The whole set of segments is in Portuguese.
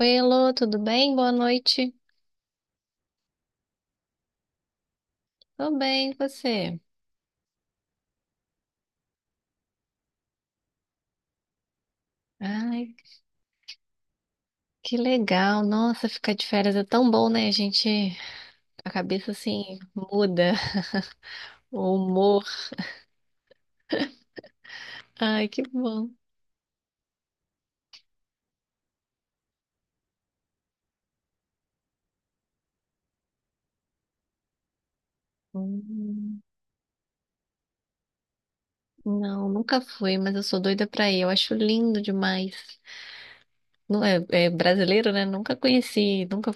Oi, Elô, tudo bem? Boa noite. Tô bem, e você? Ai, que legal. Nossa, ficar de férias é tão bom, né? Gente, a cabeça assim muda, o humor. Ai, que bom. Hum. Não, nunca fui, mas eu sou doida pra ir. Eu acho lindo demais. Não é, é brasileiro, né? Nunca conheci, nunca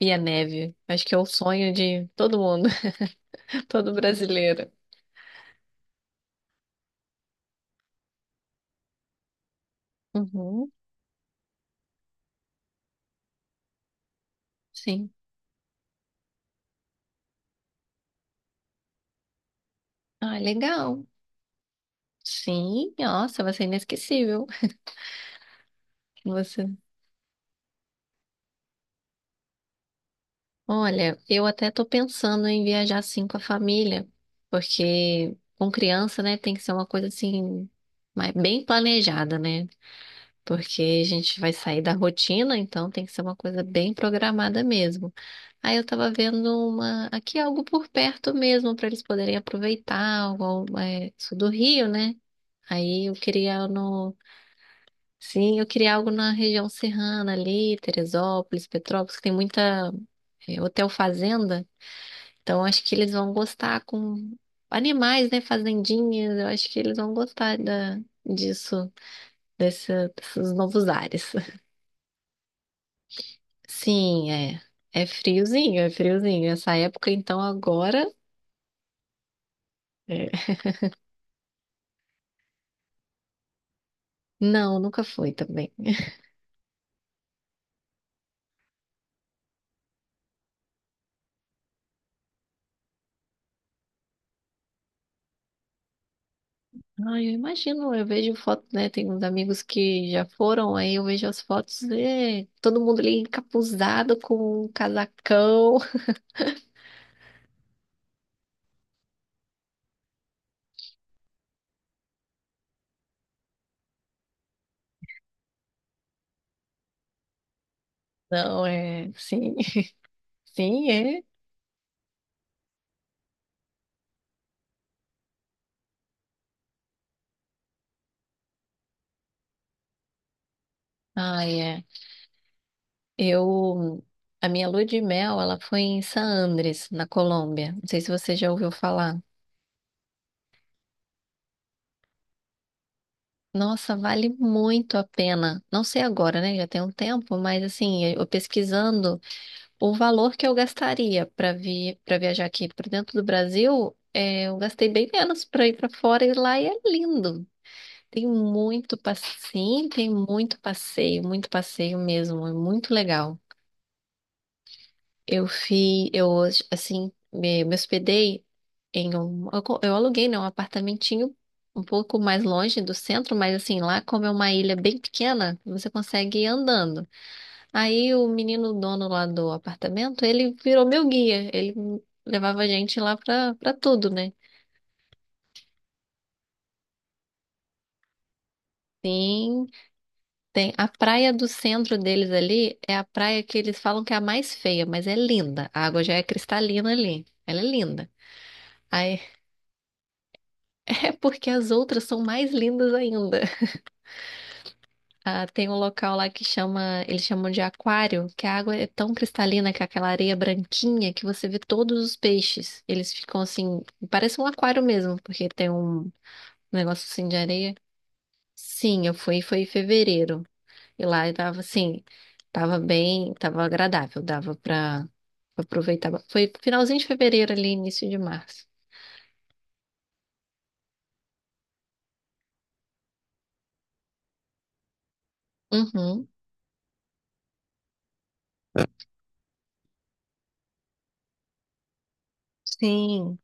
vi a neve. Acho que é o sonho de todo mundo, todo brasileiro. Uhum, sim. Ah, legal. Sim, nossa, vai ser inesquecível. Você. Olha, eu até tô pensando em viajar assim com a família, porque com criança, né, tem que ser uma coisa assim, mas bem planejada, né? Porque a gente vai sair da rotina, então tem que ser uma coisa bem programada mesmo. Aí eu tava vendo uma aqui algo por perto mesmo para eles poderem aproveitar, algo, sul do Rio, né? Aí eu queria no Sim, eu queria algo na região serrana ali, Teresópolis, Petrópolis, que tem muita hotel fazenda. Então, acho que eles vão gostar com animais, né? Fazendinhas. Eu acho que eles vão gostar disso, desses novos ares. Sim, é. É friozinho, é friozinho. Essa época, então, agora. É. Não, nunca foi também. Ai, eu imagino, eu vejo foto, né? Tem uns amigos que já foram, aí eu vejo as fotos, todo mundo ali encapuzado com um casacão. Não, é, sim, sim, é. Ai, é. Eu, a minha lua de mel, ela foi em San Andrés, na Colômbia. Não sei se você já ouviu falar. Nossa, vale muito a pena. Não sei agora, né? Já tem um tempo, mas assim, eu pesquisando. O valor que eu gastaria para viajar aqui para dentro do Brasil, eu gastei bem menos para ir para fora e lá é lindo. Tem muito passeio mesmo, é muito legal. Eu fiz, eu assim, me hospedei, eu aluguei, né, um apartamentinho um pouco mais longe do centro, mas assim, lá como é uma ilha bem pequena, você consegue ir andando. Aí o menino dono lá do apartamento, ele virou meu guia. Ele levava a gente lá pra tudo, né? Sim, tem a praia do centro deles ali, é a praia que eles falam que é a mais feia, mas é linda. A água já é cristalina ali. Ela é linda. Aí, é porque as outras são mais lindas ainda. Ah, tem um local lá que chama, eles chamam de aquário, que a água é tão cristalina que é aquela areia branquinha que você vê todos os peixes. Eles ficam assim, parece um aquário mesmo, porque tem um negócio assim de areia. Sim, eu fui, foi em fevereiro. E lá eu tava assim, tava bem, tava agradável, dava pra aproveitar. Foi finalzinho de fevereiro ali, início de março. Uhum. Sim,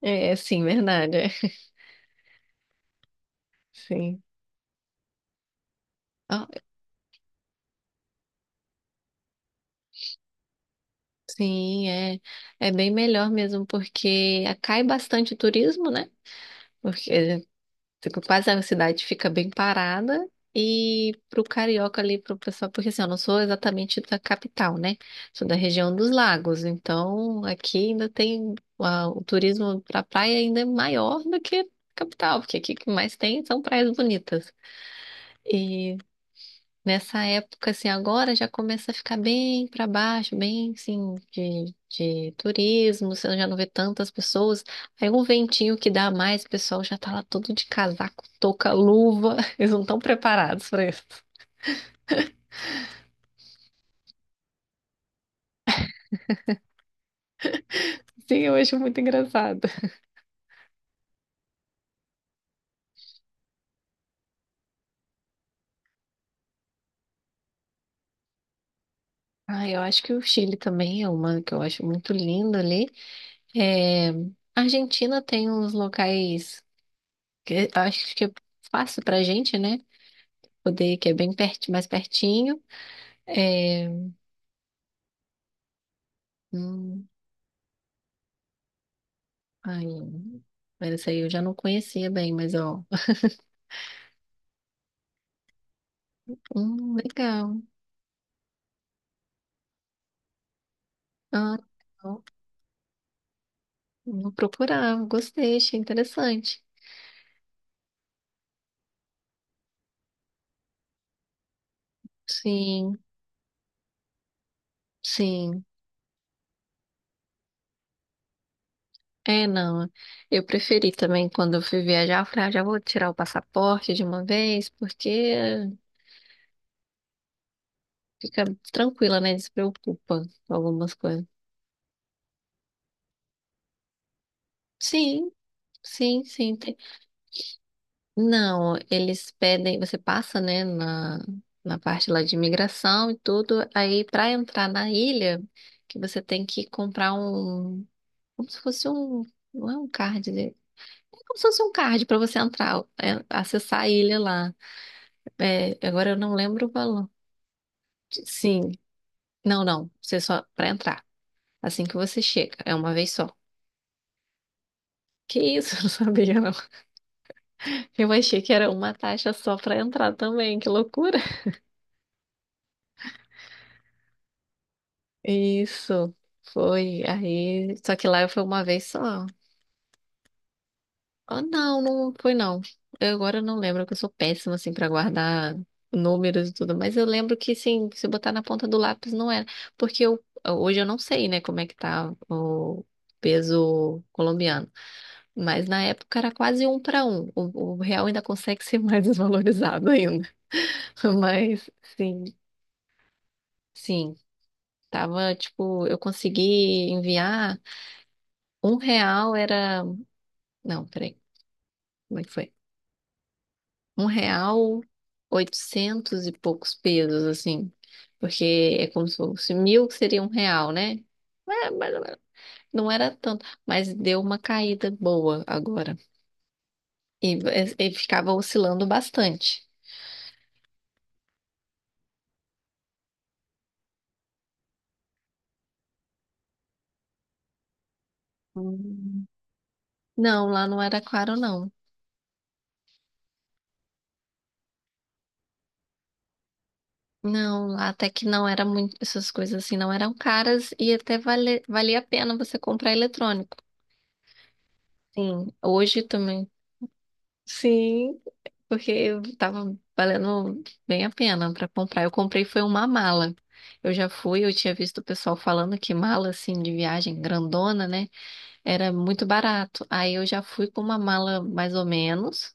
é, é, sim, verdade. É. Sim. Ah, sim, é bem melhor mesmo, porque cai bastante turismo, né? Porque Tipo, quase a cidade fica bem parada. E pro carioca ali, pro pessoal, porque assim, eu não sou exatamente da capital, né? Sou da região dos lagos, então aqui ainda tem o turismo pra praia ainda é maior do que capital, porque aqui o que mais tem são praias bonitas. Nessa época, assim, agora já começa a ficar bem para baixo, bem, assim, de turismo, você já não vê tantas pessoas. Aí um ventinho que dá a mais, o pessoal já tá lá todo de casaco, touca, luva. Eles não estão preparados para isso. Sim, eu acho muito engraçado. Ah, eu acho que o Chile também é uma que eu acho muito linda ali. É, a Argentina tem uns locais que eu acho que é fácil pra gente, né? Poder, que é bem perto, mais pertinho. É. Hum. Ai, mas essa aí eu já não conhecia bem, mas ó. Legal. Ah, legal. Vou procurar, gostei, achei interessante. Sim, sim. É, não. Eu preferi também quando eu fui viajar, eu falei, ah, já vou tirar o passaporte de uma vez, porque fica tranquila, né? Despreocupa com algumas coisas. Sim, sim, sim. Não, eles pedem, você passa, né, na parte lá de imigração e tudo, aí para entrar na ilha, que você tem que comprar um, como se fosse um, não é um card, né? É como se fosse um card para você entrar, acessar a ilha lá. É, agora eu não lembro o valor. Sim, não, não, você só para entrar, assim que você chega, é uma vez só. Que isso, eu não sabia, não. Eu achei que era uma taxa só para entrar também, que loucura. Isso, foi. Aí, só que lá eu fui uma vez só. Ah, não, não foi não. Eu agora não lembro, porque eu sou péssima, assim, pra guardar números e tudo. Mas eu lembro que, sim, se botar na ponta do lápis não era. Porque hoje eu não sei, né, como é que tá o peso colombiano. Mas na época era quase um para um. O real ainda consegue ser mais desvalorizado ainda. Mas, sim, sim. Tava, tipo, eu consegui enviar. Um real era Não, peraí. Como é que foi? Um real, oitocentos e poucos pesos, assim. Porque é como se fosse 1.000, que seria um real, né? É, mais ou menos. Não era tanto, mas deu uma caída boa agora. E ele ficava oscilando bastante. Hum. Não, lá não era caro, não. Não, lá até que não era muito, essas coisas assim não eram caras e até vale, valia a pena você comprar eletrônico. Sim, hoje também. Sim, porque tava valendo bem a pena pra comprar. Eu comprei foi uma mala. Eu já fui, eu tinha visto o pessoal falando que mala assim de viagem grandona, né, era muito barato. Aí eu já fui com uma mala mais ou menos.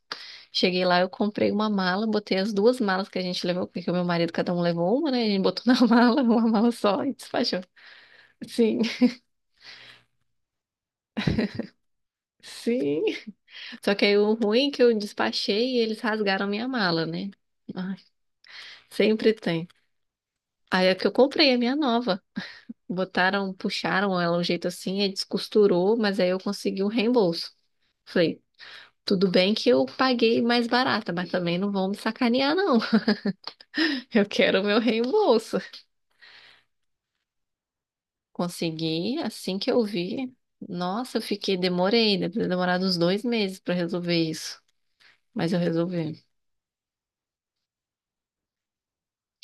Cheguei lá, eu comprei uma mala, botei as duas malas que a gente levou, porque o meu marido cada um levou uma, né? A gente botou na mala, uma mala só e despachou. Sim, sim. Só que aí o ruim é que eu despachei e eles rasgaram minha mala, né? Ai, sempre tem. Aí é que eu comprei a minha nova. Botaram, puxaram ela um jeito assim, aí descosturou, mas aí eu consegui um reembolso. Falei, tudo bem que eu paguei mais barata, mas também não vão me sacanear, não. Eu quero o meu reembolso. Consegui, assim que eu vi. Nossa, eu fiquei, demorei, deve ter demorado uns 2 meses pra resolver isso. Mas eu resolvi.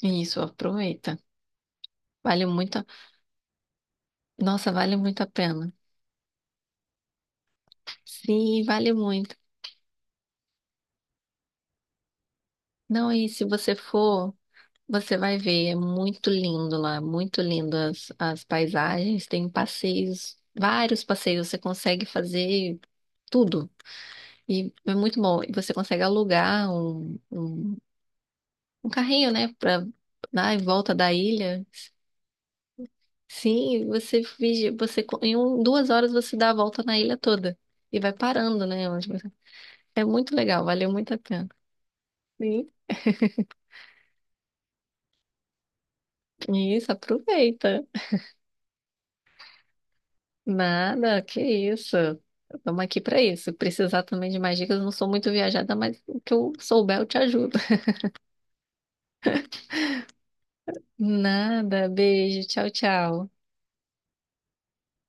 Isso, aproveita. Vale muito a... Nossa, vale muito a pena. Sim, vale muito. Não, e se você for. Você vai ver, é muito lindo lá, muito lindo as paisagens, tem passeios, vários passeios, você consegue fazer tudo. E é muito bom. E você consegue alugar um carrinho, né, para dar em volta da ilha. Sim, você finge, 2 horas você dá a volta na ilha toda e vai parando, né? É muito legal, valeu muito a pena. Sim. Isso, aproveita. Nada, que isso. Estamos aqui para isso. Se precisar também de mais dicas, eu não sou muito viajada, mas o que eu souber eu te ajudo. Nada, beijo, tchau, tchau.